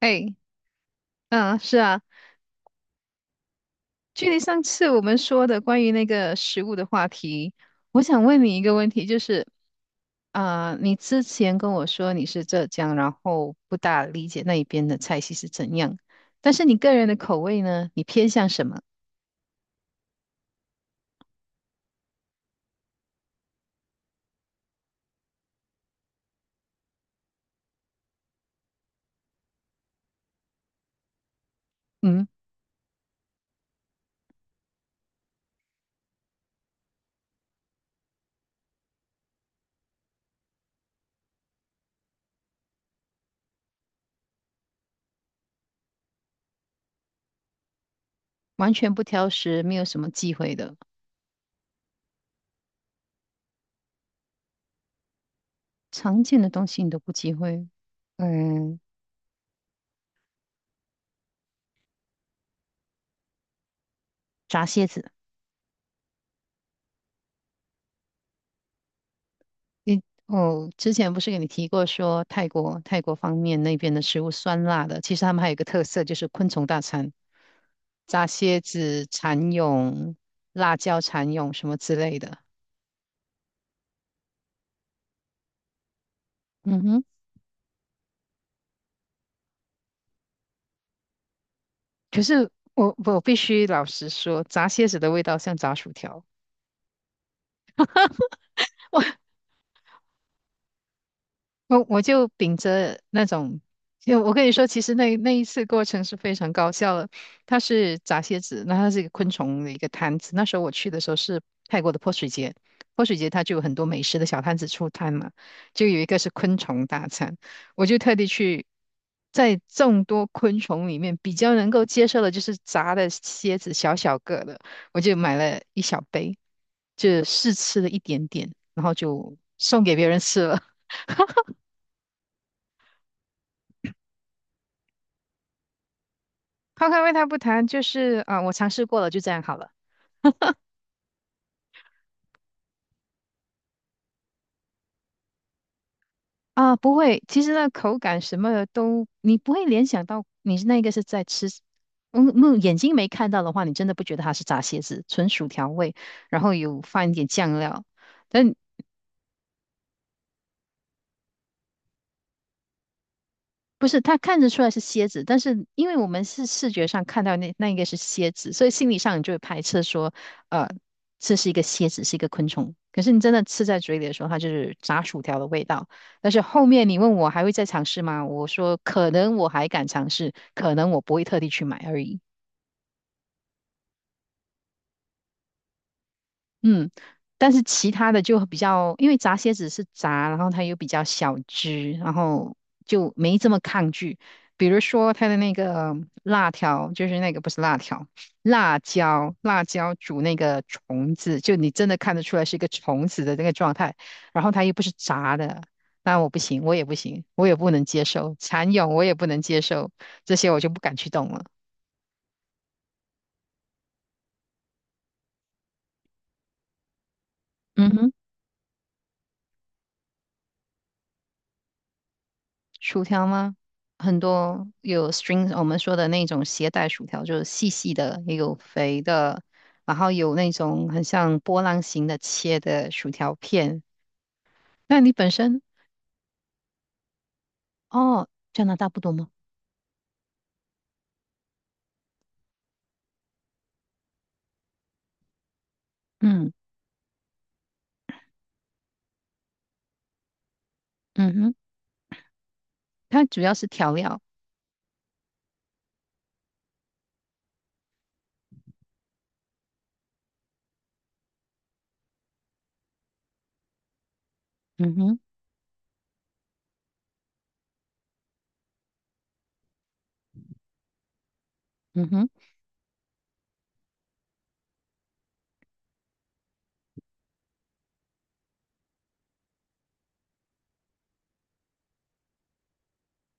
哎，嗯，是啊，距离上次我们说的关于那个食物的话题，我想问你一个问题，就是，啊、你之前跟我说你是浙江，然后不大理解那一边的菜系是怎样，但是你个人的口味呢，你偏向什么？嗯，完全不挑食，没有什么忌讳的，常见的东西你都不忌讳，嗯，炸蝎子。你哦，之前不是给你提过说泰国方面那边的食物酸辣的，其实他们还有一个特色就是昆虫大餐，炸蝎子、蚕蛹、辣椒蚕蛹什么之类的。嗯哼，可是我必须老实说，炸蝎子的味道像炸薯条。我就秉着那种，就我跟你说，其实那一次过程是非常高效的。它是炸蝎子，那它是一个昆虫的一个摊子。那时候我去的时候是泰国的泼水节，泼水节它就有很多美食的小摊子出摊嘛，就有一个是昆虫大餐，我就特地去。在众多昆虫里面，比较能够接受的就是炸的蝎子，小小个的，我就买了一小杯，就试吃了一点点，然后就送给别人吃了。抛开味道不谈，就是啊、我尝试过了，就这样好了。啊、不会，其实那口感什么的都，你不会联想到你是那个是在吃，嗯，没眼睛没看到的话，你真的不觉得它是炸蝎子，纯薯条味，然后有放一点酱料。但不是，他看得出来是蝎子，但是因为我们是视觉上看到那应该是蝎子，所以心理上你就会排斥说，呃，这是一个蝎子，是一个昆虫。可是你真的吃在嘴里的时候，它就是炸薯条的味道。但是后面你问我还会再尝试吗？我说可能我还敢尝试，可能我不会特地去买而已。嗯，但是其他的就比较，因为炸蝎子是炸，然后它又比较小只，然后就没这么抗拒。比如说它的那个辣条，就是那个不是辣条，辣椒，辣椒煮那个虫子，就你真的看得出来是一个虫子的那个状态，然后它又不是炸的，那我不行，我也不行，我也不能接受，蚕蛹我也不能接受，这些我就不敢去动了。嗯哼。薯条吗？很多有 string，我们说的那种携带薯条，就是细细的，也有肥的，然后有那种很像波浪形的切的薯条片。那你本身，哦，加拿大不多吗？嗯嗯哼，它主要是调料。嗯哼嗯哼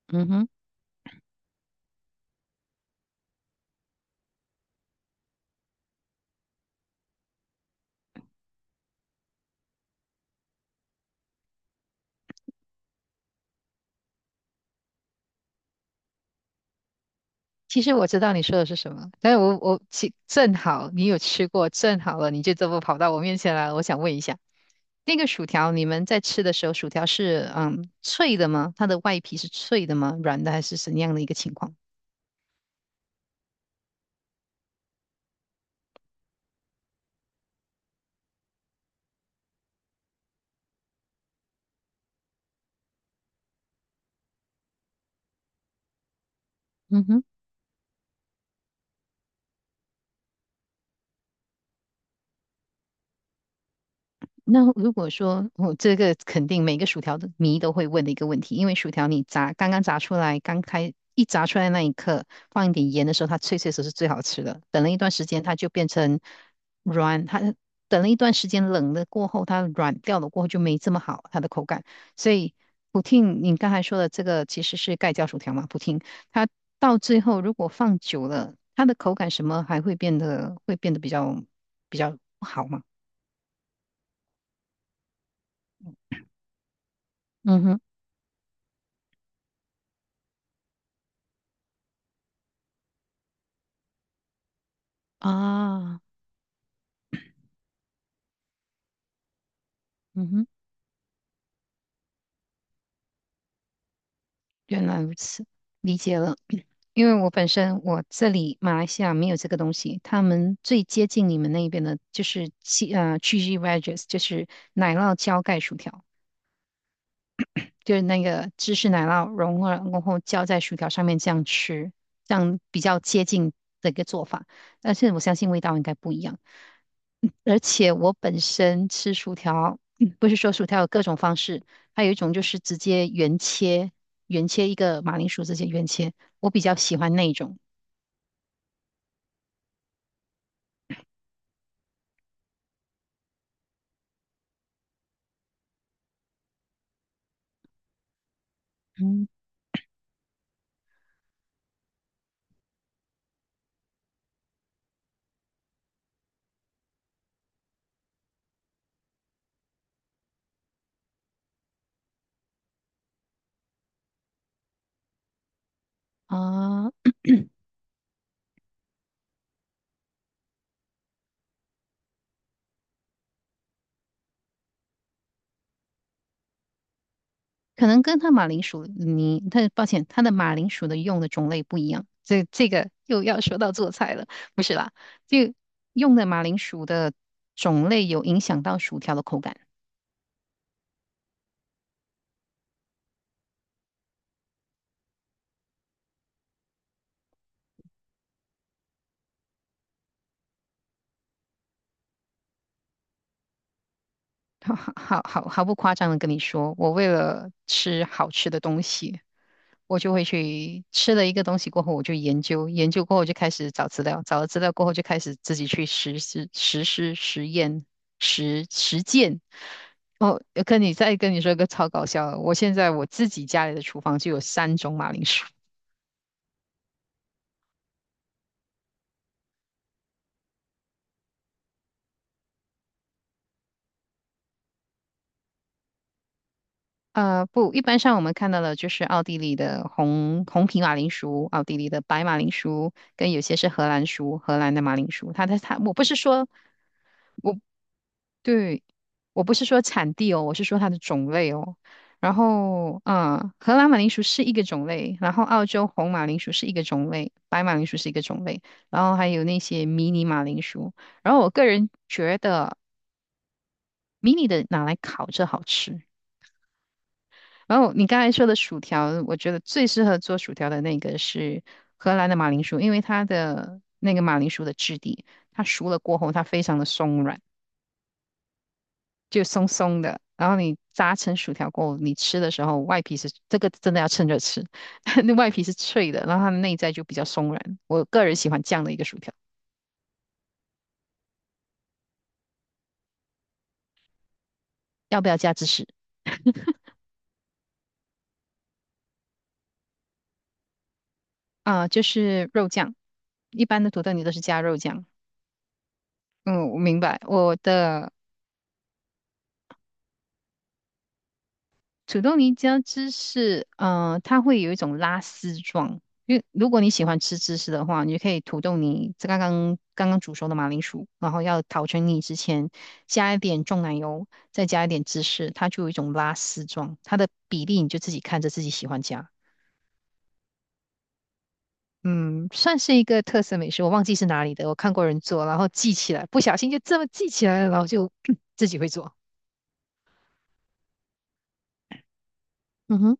嗯哼。其实我知道你说的是什么，但是我其正好你有吃过，正好了你就这么跑到我面前来了，我想问一下。那个薯条，你们在吃的时候，薯条是脆的吗？它的外皮是脆的吗？软的还是怎样的一个情况？嗯哼。那如果说我、这个肯定每个薯条的迷都会问的一个问题，因为薯条你炸刚刚炸出来，刚开一炸出来那一刻，放一点盐的时候，它脆脆的时候是最好吃的。等了一段时间，它就变成软，它等了一段时间冷了过后，它软掉了过后就没这么好它的口感。所以普汀，你刚才说的这个其实是盖浇薯条嘛？普汀它到最后如果放久了，它的口感什么还会变得会变得比较不好嘛？嗯哼。啊，嗯哼，原来如此，理解了。因为我本身我这里马来西亚没有这个东西，他们最接近你们那边的就是七cheesy wedges，就是奶酪浇盖薯条，就是那个芝士奶酪融化然后浇在薯条上面这样吃，这样比较接近的一个做法。但是我相信味道应该不一样。而且我本身吃薯条，不是说薯条有各种方式，还有一种就是直接原切，原切一个马铃薯直接原切，我比较喜欢那一种。嗯，啊、可能跟他马铃薯泥，它抱歉，他的马铃薯的用的种类不一样。这个又要说到做菜了，不是啦，就用的马铃薯的种类有影响到薯条的口感。好好好好毫不夸张的跟你说，我为了吃好吃的东西，我就会去吃了一个东西过后，我就研究，研究过后就开始找资料，找了资料过后就开始自己去实施、实验、实践。哦，跟你再跟你说一个超搞笑的，我现在我自己家里的厨房就有三种马铃薯。不，一般上我们看到的就是奥地利的红皮马铃薯，奥地利的白马铃薯，跟有些是荷兰薯，荷兰的马铃薯。它，我不是说，对，我不是说产地哦，我是说它的种类哦。然后，嗯，荷兰马铃薯是一个种类，然后澳洲红马铃薯是一个种类，白马铃薯是一个种类，然后还有那些迷你马铃薯。然后我个人觉得迷你的拿来烤着好吃。然后你刚才说的薯条，我觉得最适合做薯条的那个是荷兰的马铃薯，因为它的那个马铃薯的质地，它熟了过后它非常的松软，就松松的。然后你炸成薯条过后，你吃的时候外皮是这个真的要趁热吃，那外皮是脆的，然后它的内在就比较松软。我个人喜欢这样的一个薯条，要不要加芝士？啊、就是肉酱，一般的土豆泥都是加肉酱。嗯，我明白。我的土豆泥加芝士，嗯，它会有一种拉丝状。因为如果你喜欢吃芝士的话，你就可以土豆泥，这刚刚煮熟的马铃薯，然后要捣成泥之前，加一点重奶油，再加一点芝士，它就有一种拉丝状。它的比例你就自己看着自己喜欢加。嗯，算是一个特色美食，我忘记是哪里的，我看过人做，然后记起来，不小心就这么记起来了，然后就 自己会做。嗯哼，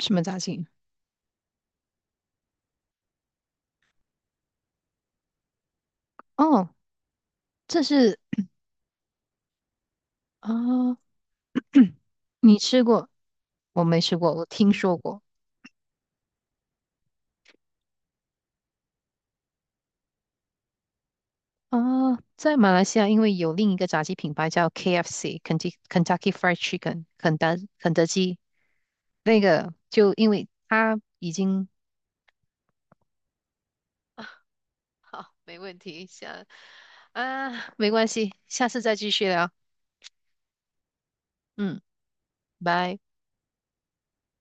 什么炸鸡？哦，这是啊、你吃过？我没吃过，我听说过啊，在马来西亚，因为有另一个炸鸡品牌叫 KFC（Kentucky Fried Chicken），肯德基，那个就因为它已经 好，没问题，下啊，没关系，下次再继续聊，嗯，拜。